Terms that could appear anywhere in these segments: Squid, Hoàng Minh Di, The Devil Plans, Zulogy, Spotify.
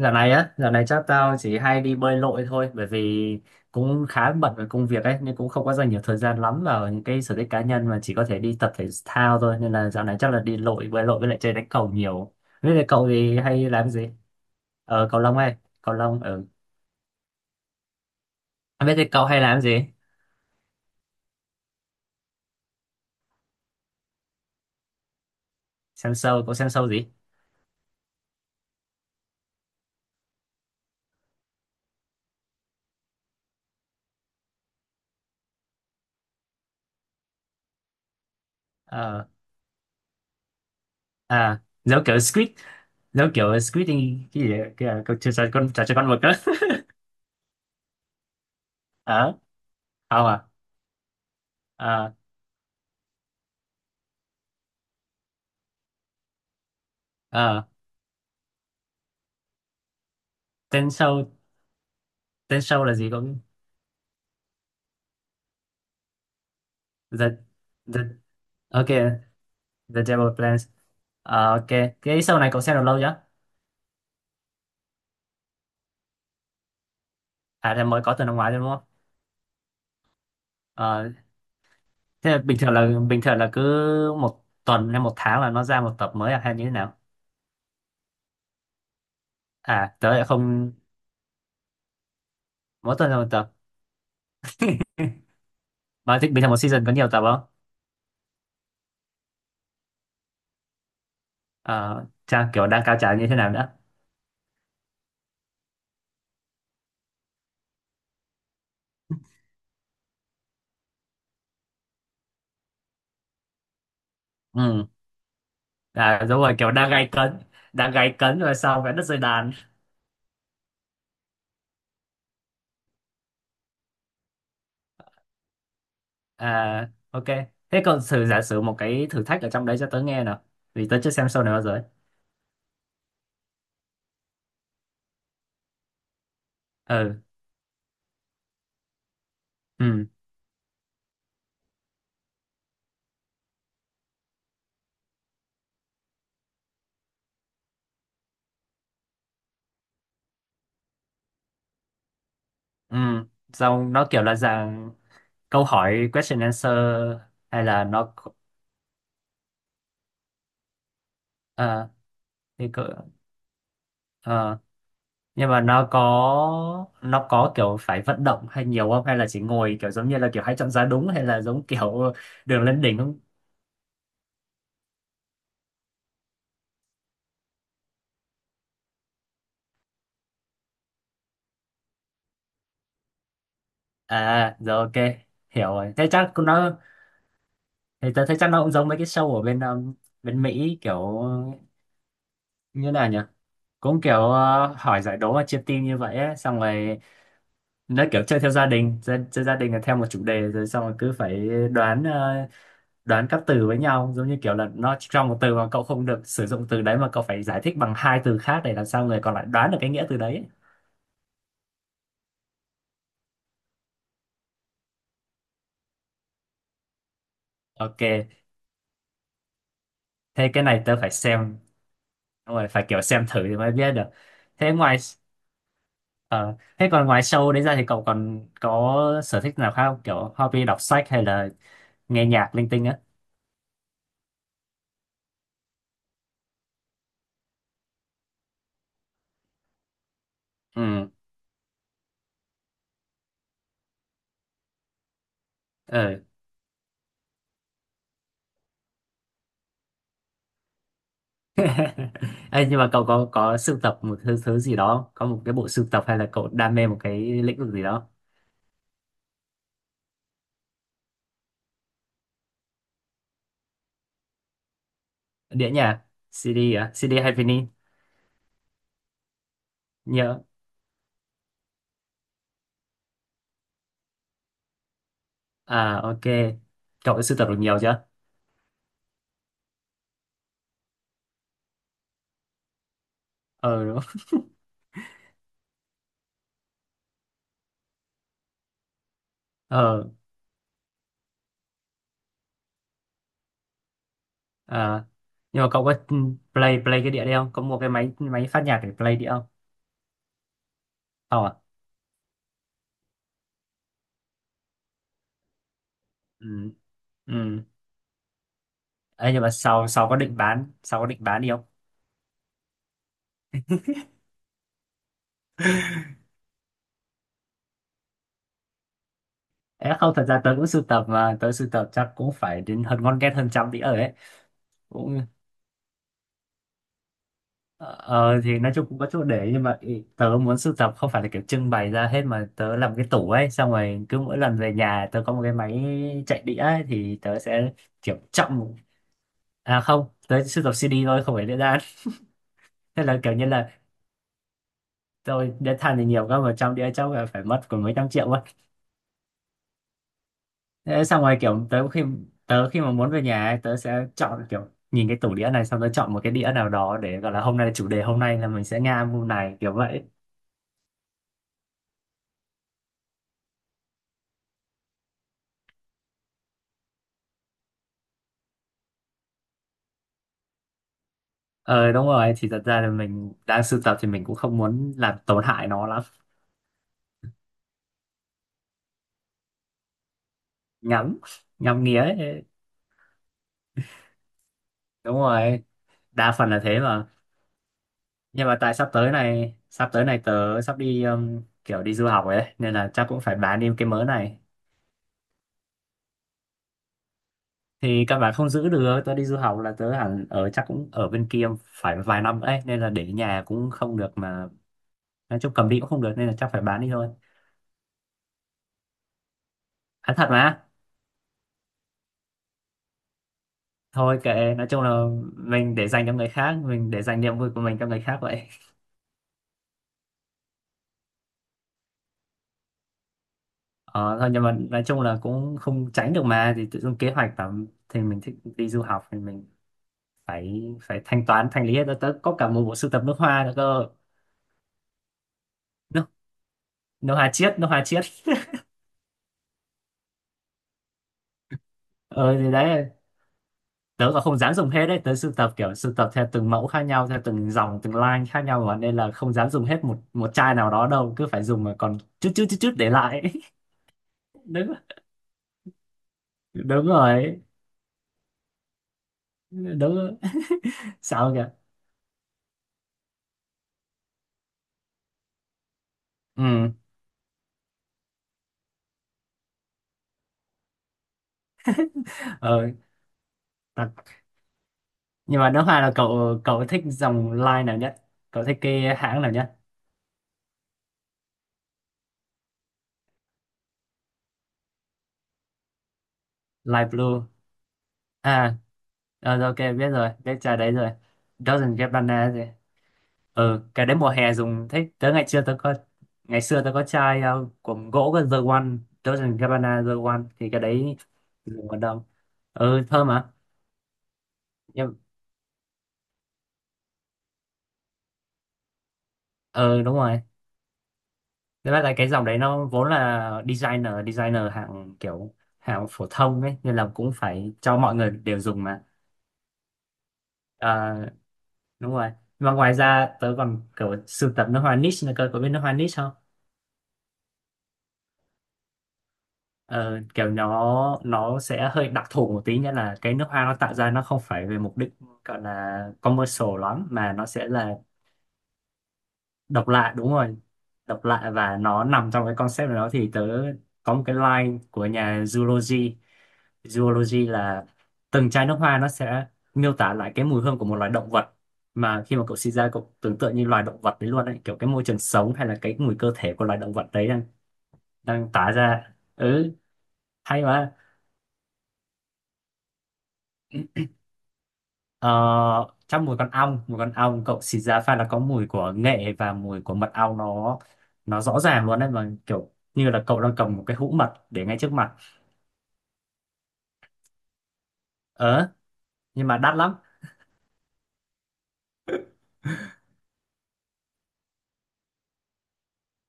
Dạo này chắc tao chỉ hay đi bơi lội thôi bởi vì cũng khá bận với công việc ấy nên cũng không có dành nhiều thời gian lắm vào những cái sở thích cá nhân mà chỉ có thể đi tập thể thao thôi nên là dạo này chắc là đi bơi lội với lại chơi đánh cầu nhiều. Biết thế cậu thì hay làm gì? Cầu lông hay, cầu lông ở. Ừ. Biết thế cậu hay làm gì? Xem show, cậu xem show gì? Ờ à giống kiểu Squid thì cái gì đấy, cái trò chơi con mực đó. Ờ, không à? Ờ. ờ tên show tên show là gì cậu? The the ok. The Devil Plans. Ok. Cái show này cậu xem được lâu chưa? À thì mới có từ năm ngoái thôi đúng không? Ờ, thế là bình thường là cứ một tuần hay một tháng là nó ra một tập mới à, hay như thế nào? À tớ lại không. Mỗi tuần ra một tập. Mà thích bình thường một season có nhiều tập không? Ờ, Trang kiểu đang cao trào như thế nào nữa. Ừ. À đúng rồi kiểu đang gay cấn, đang gay cấn rồi sau vẽ đất rơi đàn. À ok, thế cậu thử giả sử một cái thử thách ở trong đấy cho tớ nghe nào, vì tớ chưa xem show này bao giờ ấy. Ừ. Ừ. Ừ, xong nó kiểu là dạng câu hỏi question answer hay là nó ờ, thì cỡ- ờ, nhưng mà nó có kiểu phải vận động hay nhiều không, hay là chỉ ngồi kiểu giống như là kiểu hãy chọn giá đúng hay là giống kiểu đường lên đỉnh không? À rồi, ok, hiểu rồi. Thế chắc cũng nó, thì tớ thấy chắc nó cũng giống mấy cái show ở bên bên Mỹ kiểu như nào nhỉ, cũng kiểu hỏi giải đố và chia team như vậy ấy. Xong rồi nó kiểu chơi theo gia đình, chơi gia đình là theo một chủ đề rồi xong rồi cứ phải đoán các từ với nhau, giống như kiểu là nó trong một từ mà cậu không được sử dụng từ đấy mà cậu phải giải thích bằng hai từ khác để làm sao người còn lại đoán được cái nghĩa từ đấy ấy. Ok, thế cái này tớ phải xem. Đúng rồi, phải kiểu xem thử thì mới biết được. Thế ngoài ờ, thế còn ngoài show đấy ra thì cậu còn có sở thích nào khác không, kiểu hobby đọc sách hay là nghe nhạc linh tinh á? Ừ. Ê, nhưng mà cậu có sưu tập một thứ, thứ gì đó không? Có một cái bộ sưu tập hay là cậu đam mê một cái lĩnh vực gì đó? Đĩa nhạc, CD à? CD hay vinyl? Nhớ. À ok. Cậu đã sưu tập được nhiều chưa? Ờ đúng. Ờ à. Nhưng mà cậu có play play cái đĩa đấy không? Có mua cái máy máy phát nhạc để play đĩa không? Không à? Ừ. Ừ. Ê, nhưng mà sau sau có định bán, sau có định bán đi không? Ê, không, thật ra tớ cũng sưu tập mà tớ sưu tập chắc cũng phải đến hơn ngon ghét hơn 100 đĩa rồi ấy. Cũng. Ờ thì nói chung cũng có chỗ để nhưng mà tớ muốn sưu tập không phải là kiểu trưng bày ra hết mà tớ làm cái tủ ấy, xong rồi cứ mỗi lần về nhà tớ có một cái máy chạy đĩa ấy, thì tớ sẽ kiểu trọng à không, tớ sưu tập CD thôi, không phải đĩa đan. Thế là kiểu như là tôi đĩa than thì nhiều cơ mà trong đĩa chắc là phải mất còn mấy trăm triệu quá. Thế xong rồi kiểu tớ khi mà muốn về nhà ấy, tớ sẽ chọn kiểu nhìn cái tủ đĩa này xong tớ chọn một cái đĩa nào đó để gọi là hôm nay chủ đề hôm nay là mình sẽ nghe album này kiểu vậy. Ờ đúng rồi, thì thật ra là mình đang sưu tập thì mình cũng không muốn làm tổn hại nó lắm. Ngắm, ngắm nghía ấy. Đúng rồi, đa phần là thế mà. Nhưng mà tại sắp tới này tớ sắp đi kiểu đi du học ấy, nên là chắc cũng phải bán đi cái mớ này. Thì các bạn không giữ được, tớ đi du học là tớ hẳn ở chắc cũng ở bên kia phải vài năm ấy, nên là để ở nhà cũng không được mà. Nói chung cầm đi cũng không được nên là chắc phải bán đi thôi. Nói thật mà. Thôi kệ, nói chung là mình để dành cho người khác, mình để dành niềm vui của mình cho người khác vậy. Ờ, thôi nhưng mà nói chung là cũng không tránh được mà, thì tự dưng kế hoạch là thì mình thích đi du học thì mình phải phải thanh lý hết. Tớ tớ có cả một bộ sưu tập nước hoa nữa cơ. Nước nước hoa chiết nước hoa chiết. Ờ thì đấy, tớ còn không dám dùng hết đấy, tớ sưu tập kiểu sưu tập theo từng mẫu khác nhau, theo từng dòng từng line khác nhau mà, nên là không dám dùng hết một một chai nào đó đâu, cứ phải dùng mà còn chút chút chút chút để lại. Đúng. Đúng rồi. Đúng. Sao kìa. Ừ. Ờ. Đặc nhưng mà nước hoa là cậu cậu thích dòng line nào nhất? Cậu thích cái hãng nào nhất? Light blue à? Rồi, ok biết rồi, biết trà đấy rồi. Doesn't get banana gì. Ừ, cái đấy mùa hè dùng thích tới. Ngày xưa tôi có chai của gỗ cái The One. Doesn't get banana The One thì cái đấy dùng còn đâu. Ừ thơm mà. Nhưng. Ừ đúng rồi, thế là cái dòng đấy nó vốn là designer designer hạng phổ thông ấy, nên là cũng phải cho mọi người đều dùng mà. Ờ, đúng rồi. Và ngoài ra tớ còn kiểu sưu tập nước hoa niche nữa cơ, có biết nước hoa niche không? Ờ, Kiểu nó sẽ hơi đặc thù một tí, nghĩa là cái nước hoa nó tạo ra nó không phải về mục đích gọi là commercial lắm, mà nó sẽ là độc lạ, đúng rồi. Độc lạ và nó nằm trong cái concept đó, thì tớ có một cái line của nhà Zulogy. Zoology là từng chai nước hoa nó sẽ miêu tả lại cái mùi hương của một loài động vật, mà khi mà cậu sinh ra cậu tưởng tượng như loài động vật đấy luôn ấy, kiểu cái môi trường sống hay là cái mùi cơ thể của loài động vật đấy đang đang tả ra. Ừ. Hay mà. ờ, Trong mùi con ong cậu xịt ra pha là có mùi của nghệ và mùi của mật ong, nó rõ ràng luôn đấy, mà kiểu như là cậu đang cầm một cái hũ mật để ngay trước mặt. Ờ. Nhưng mà đắt lắm.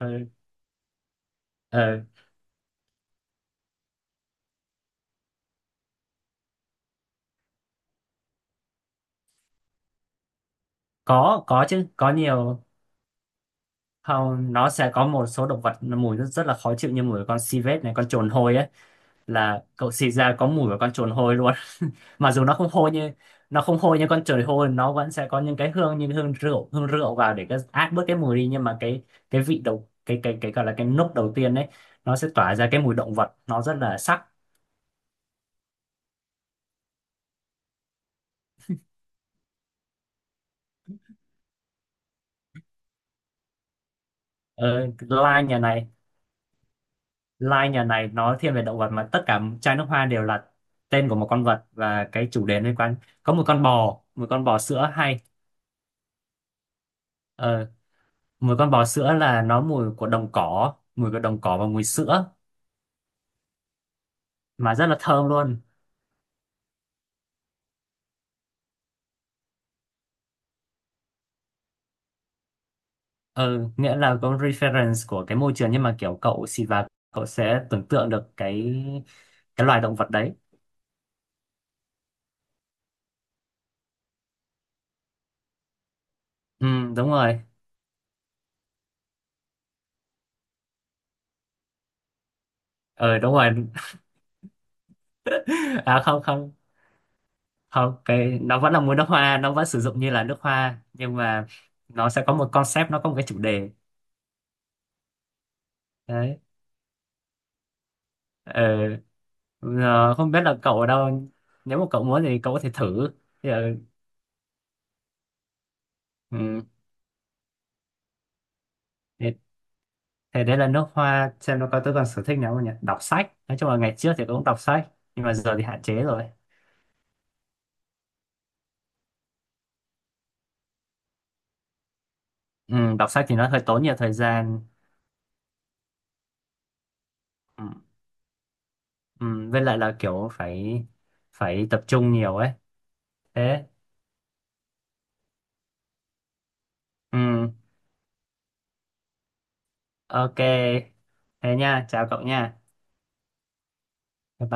Ừ. Ờ. Có chứ, có nhiều. Không, nó sẽ có một số động vật nó mùi rất, rất là khó chịu, như mùi của con civet này, con trồn hôi ấy, là cậu xịt ra có mùi của con trồn hôi luôn. Mặc dù nó không hôi như, nó không hôi như con trồn hôi, nó vẫn sẽ có những cái hương như hương rượu vào để cái át bớt cái mùi đi, nhưng mà cái vị đầu cái gọi là cái nốt đầu tiên đấy nó sẽ tỏa ra cái mùi động vật, nó rất là sắc. Ờ, line nhà này nó thiên về động vật mà tất cả chai nước hoa đều là tên của một con vật và cái chủ đề liên quan. Có một con bò sữa hay. Ờ, mùi con bò sữa là nó mùi của đồng cỏ và mùi sữa, mà rất là thơm luôn. Ừ, nghĩa là có reference của cái môi trường nhưng mà kiểu cậu xịt vào cậu sẽ tưởng tượng được cái loài động vật đấy. Ừ đúng rồi. Ừ đúng rồi. À không, không, không cái nó vẫn là mùi nước hoa, nó vẫn sử dụng như là nước hoa, nhưng mà nó sẽ có một concept, nó có một cái chủ đề. Đấy. Ừ. ờ, Không biết là cậu ở đâu, nếu mà cậu muốn thì cậu có thể thử thì, ừ, thế đấy là nước hoa, xem nó có tôi còn sở thích nào không nhỉ. Đọc sách, nói chung là ngày trước thì tôi cũng đọc sách nhưng mà giờ thì hạn chế rồi. Ừ, đọc sách thì nó hơi tốn nhiều thời gian. Ừ. Ừ, với lại là kiểu phải phải tập trung nhiều ấy. Thế. Ừ, ok. Thế nha, chào cậu nha. Bye bye.